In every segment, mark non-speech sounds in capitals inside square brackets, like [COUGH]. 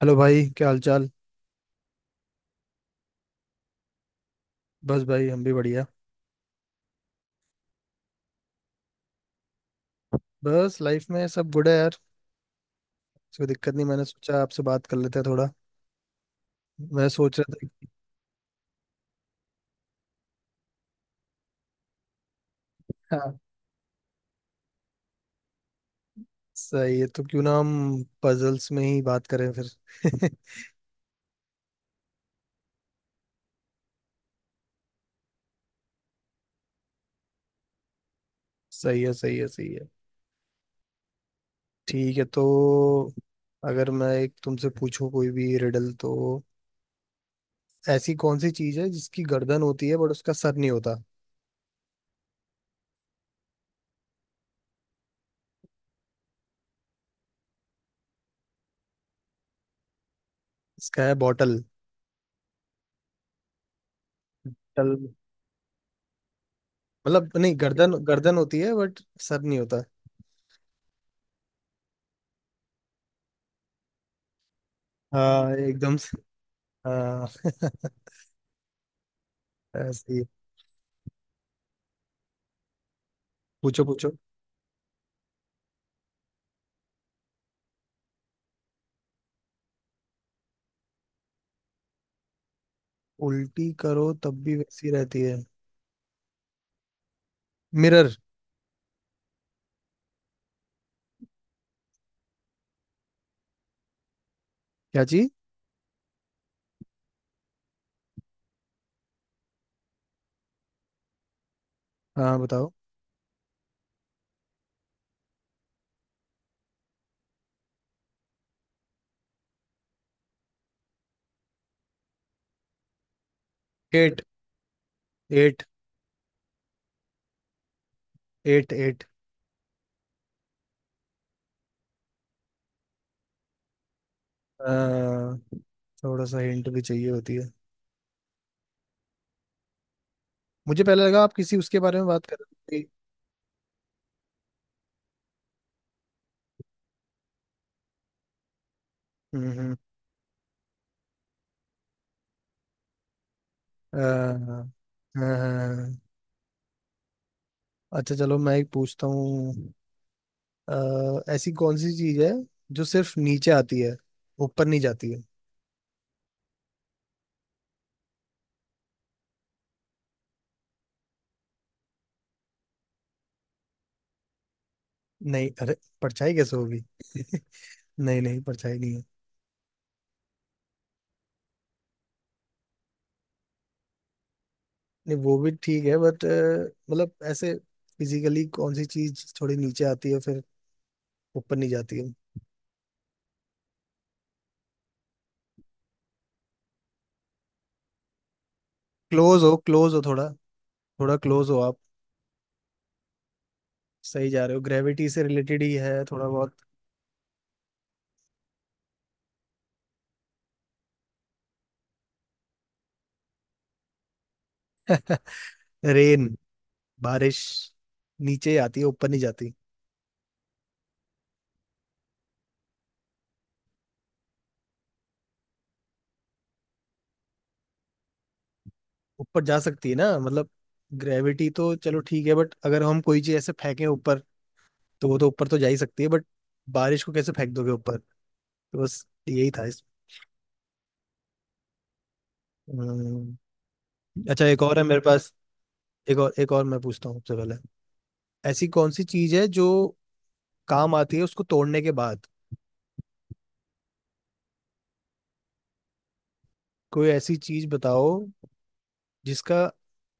Hello भाई क्या हाल चाल। बस भाई हम भी बढ़िया। बस लाइफ में सब गुड है यार। कोई दिक्कत नहीं, मैंने सोचा आपसे बात कर लेते हैं थोड़ा। मैं सोच रहा था। [LAUGHS] हाँ, सही है, तो क्यों ना हम पजल्स में ही बात करें फिर। [LAUGHS] सही है सही है सही है। ठीक है, तो अगर मैं एक तुमसे पूछूं कोई भी रिडल, तो ऐसी कौन सी चीज है जिसकी गर्दन होती है बट उसका सर नहीं होता। इसका है बॉटल। बॉटल मतलब नहीं, गर्दन गर्दन होती है बट सर नहीं होता। हाँ एकदम से। हाँ। [LAUGHS] ऐसे ही। पूछो पूछो। उल्टी करो तब भी वैसी रहती है। मिरर। क्या चीज। हाँ बताओ। एट। एट। Eight eight. थोड़ा सा हिंट भी चाहिए होती है। मुझे पहले लगा आप किसी उसके बारे में बात कर रहे हो। हम्म। अ, अ, अच्छा, चलो मैं एक पूछता हूँ। ऐसी कौन सी चीज है जो सिर्फ नीचे आती है, ऊपर नहीं जाती है। नहीं अरे, परछाई कैसे होगी। [LAUGHS] नहीं नहीं, परछाई नहीं है। नहीं, वो भी ठीक है बट मतलब ऐसे फिजिकली कौन सी चीज थोड़ी नीचे आती है फिर ऊपर नहीं जाती है। क्लोज हो थोड़ा, थोड़ा क्लोज हो आप। सही जा रहे हो, ग्रेविटी से रिलेटेड ही है थोड़ा बहुत। [LAUGHS] रेन। बारिश। नीचे ही आती है ऊपर नहीं जाती। ऊपर जा सकती है ना मतलब। ग्रेविटी तो चलो ठीक है, बट अगर हम कोई चीज ऐसे फेंकें ऊपर तो वो तो ऊपर तो जा ही सकती है, बट बारिश को कैसे फेंक दोगे ऊपर। तो बस यही था इस। अम्म, अच्छा, एक और है मेरे पास। एक और मैं पूछता हूँ सबसे पहले। ऐसी कौन सी चीज है जो काम आती है उसको तोड़ने के बाद। कोई ऐसी चीज बताओ जिसका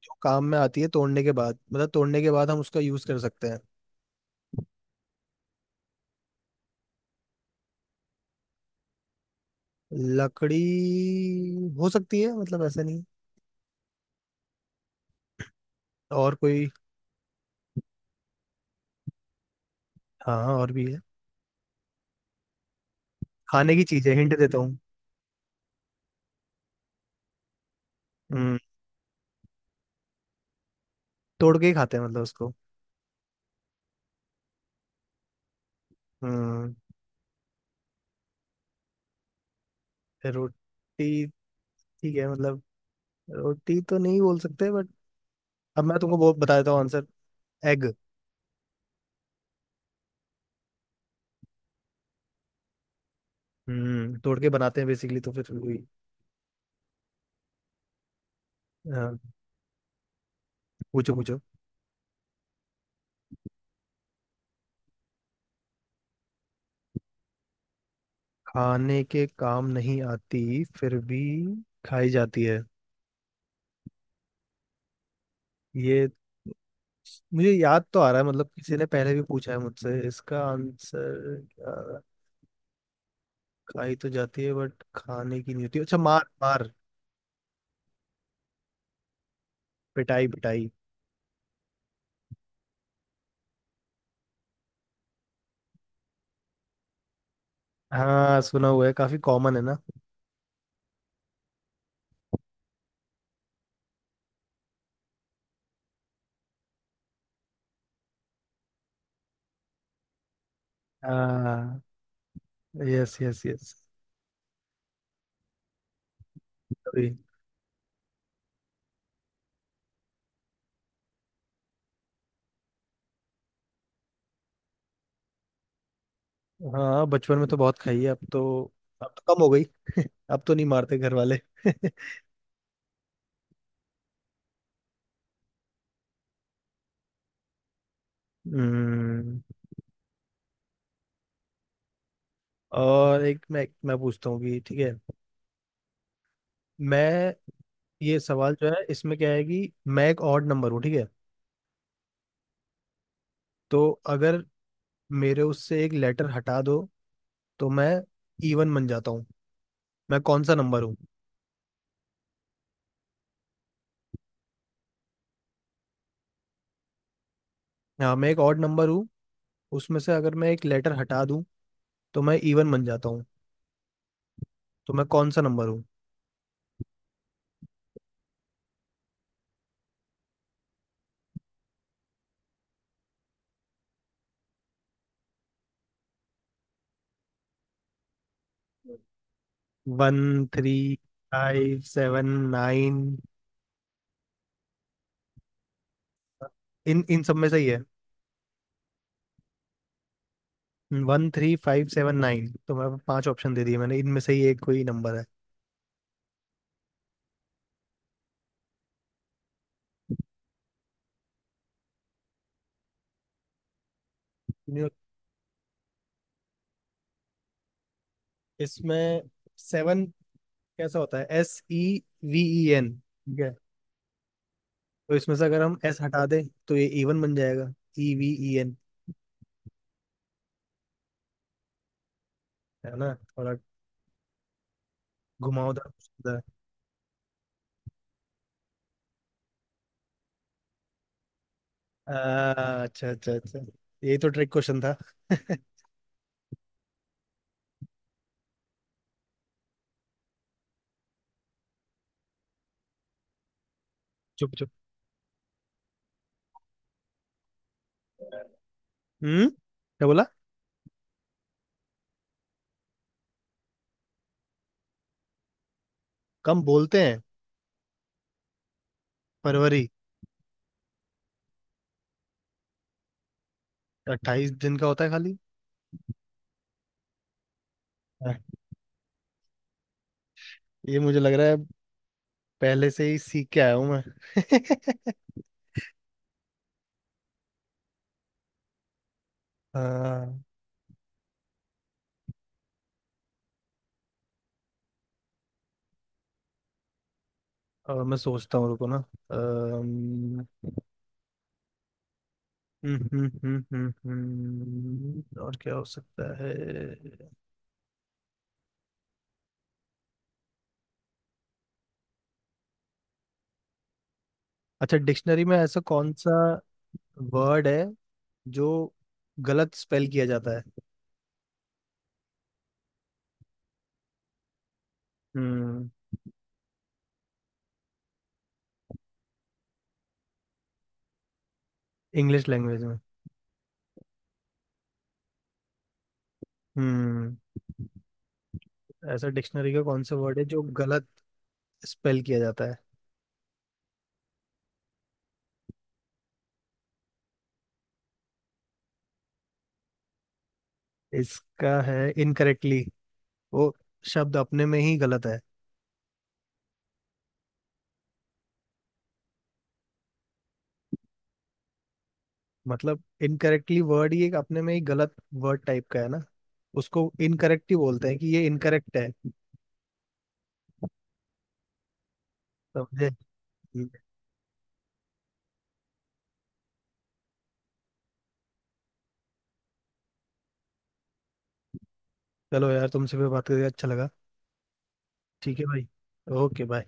जो काम में आती है तोड़ने के बाद, मतलब तोड़ने के बाद हम उसका यूज कर सकते हैं। लकड़ी हो सकती है, मतलब ऐसा नहीं। और कोई। हाँ और भी है। खाने की चीज है, हिंट देता हूँ। हम्म, तोड़ के ही खाते हैं मतलब उसको। हम्म। रोटी। ठीक है मतलब, रोटी तो नहीं बोल सकते बट अब मैं तुमको बहुत बता देता हूँ आंसर। एग। हम्म, तोड़ के बनाते हैं बेसिकली तो फिर वही। हाँ, पूछो पूछो। खाने के काम नहीं आती फिर भी खाई जाती है। ये मुझे याद तो आ रहा है, मतलब किसी ने पहले भी पूछा है मुझसे इसका आंसर खाई तो जाती है बट खाने की नहीं होती। अच्छा, मार मार, पिटाई पिटाई। हाँ सुना हुआ है, काफी कॉमन है ना। हाँ, यस यस यस। अभी। हाँ, बचपन में तो बहुत खाई है, अब तो कम हो गई। [LAUGHS] अब तो नहीं मारते घर वाले। [LAUGHS] हम्म। और एक मैं पूछता हूँ कि ठीक है। मैं ये सवाल जो है इसमें क्या है कि मैं एक ऑड नंबर हूँ, ठीक है। तो अगर मेरे उससे एक लेटर हटा दो, तो मैं इवन बन जाता हूँ। मैं कौन सा नंबर हूँ। हाँ, मैं एक ऑड नंबर हूँ। उसमें से अगर मैं एक लेटर हटा दूँ तो मैं इवन बन जाता हूँ। तो मैं कौन सा नंबर हूँ। 1, 3, 5, 7, 9। इन इन सब में से ही है। One three five seven nine, तो मैं पांच ऑप्शन दे दिए मैंने, इनमें से ही एक कोई नंबर है। इसमें सेवन कैसा होता है, S E V E N, ठीक है। तो इसमें से अगर हम S हटा दें, तो ये इवन बन जाएगा, E V E N। है ना थोड़ा घुमावदार question था। अच्छा अच्छा अच्छा। यही तो ट्रिक क्वेश्चन था। [LAUGHS] चुप चुप। हम्म, क्या बोला। कम बोलते हैं। फरवरी। 28 दिन का होता है खाली। हाँ, ये मुझे लग रहा है, पहले से ही सीख के आया हूँ मैं। [LAUGHS] हाँ। और मैं सोचता हूँ रुको ना। अम, और क्या हो सकता है। अच्छा, डिक्शनरी में ऐसा कौन सा वर्ड है जो गलत स्पेल किया जाता है। हम्म। इंग्लिश लैंग्वेज में। हम्म। ऐसा डिक्शनरी का कौन सा वर्ड है जो गलत स्पेल किया जाता है। इसका है इनकरेक्टली। वो शब्द अपने में ही गलत है। मतलब इनकरेक्टली वर्ड ही एक अपने में ही गलत वर्ड टाइप का है ना, उसको इनकरेक्ट ही बोलते हैं कि ये इनकरेक्ट है। समझे। चलो यार, तुमसे भी बात करके अच्छा लगा। ठीक है भाई। Okay bye.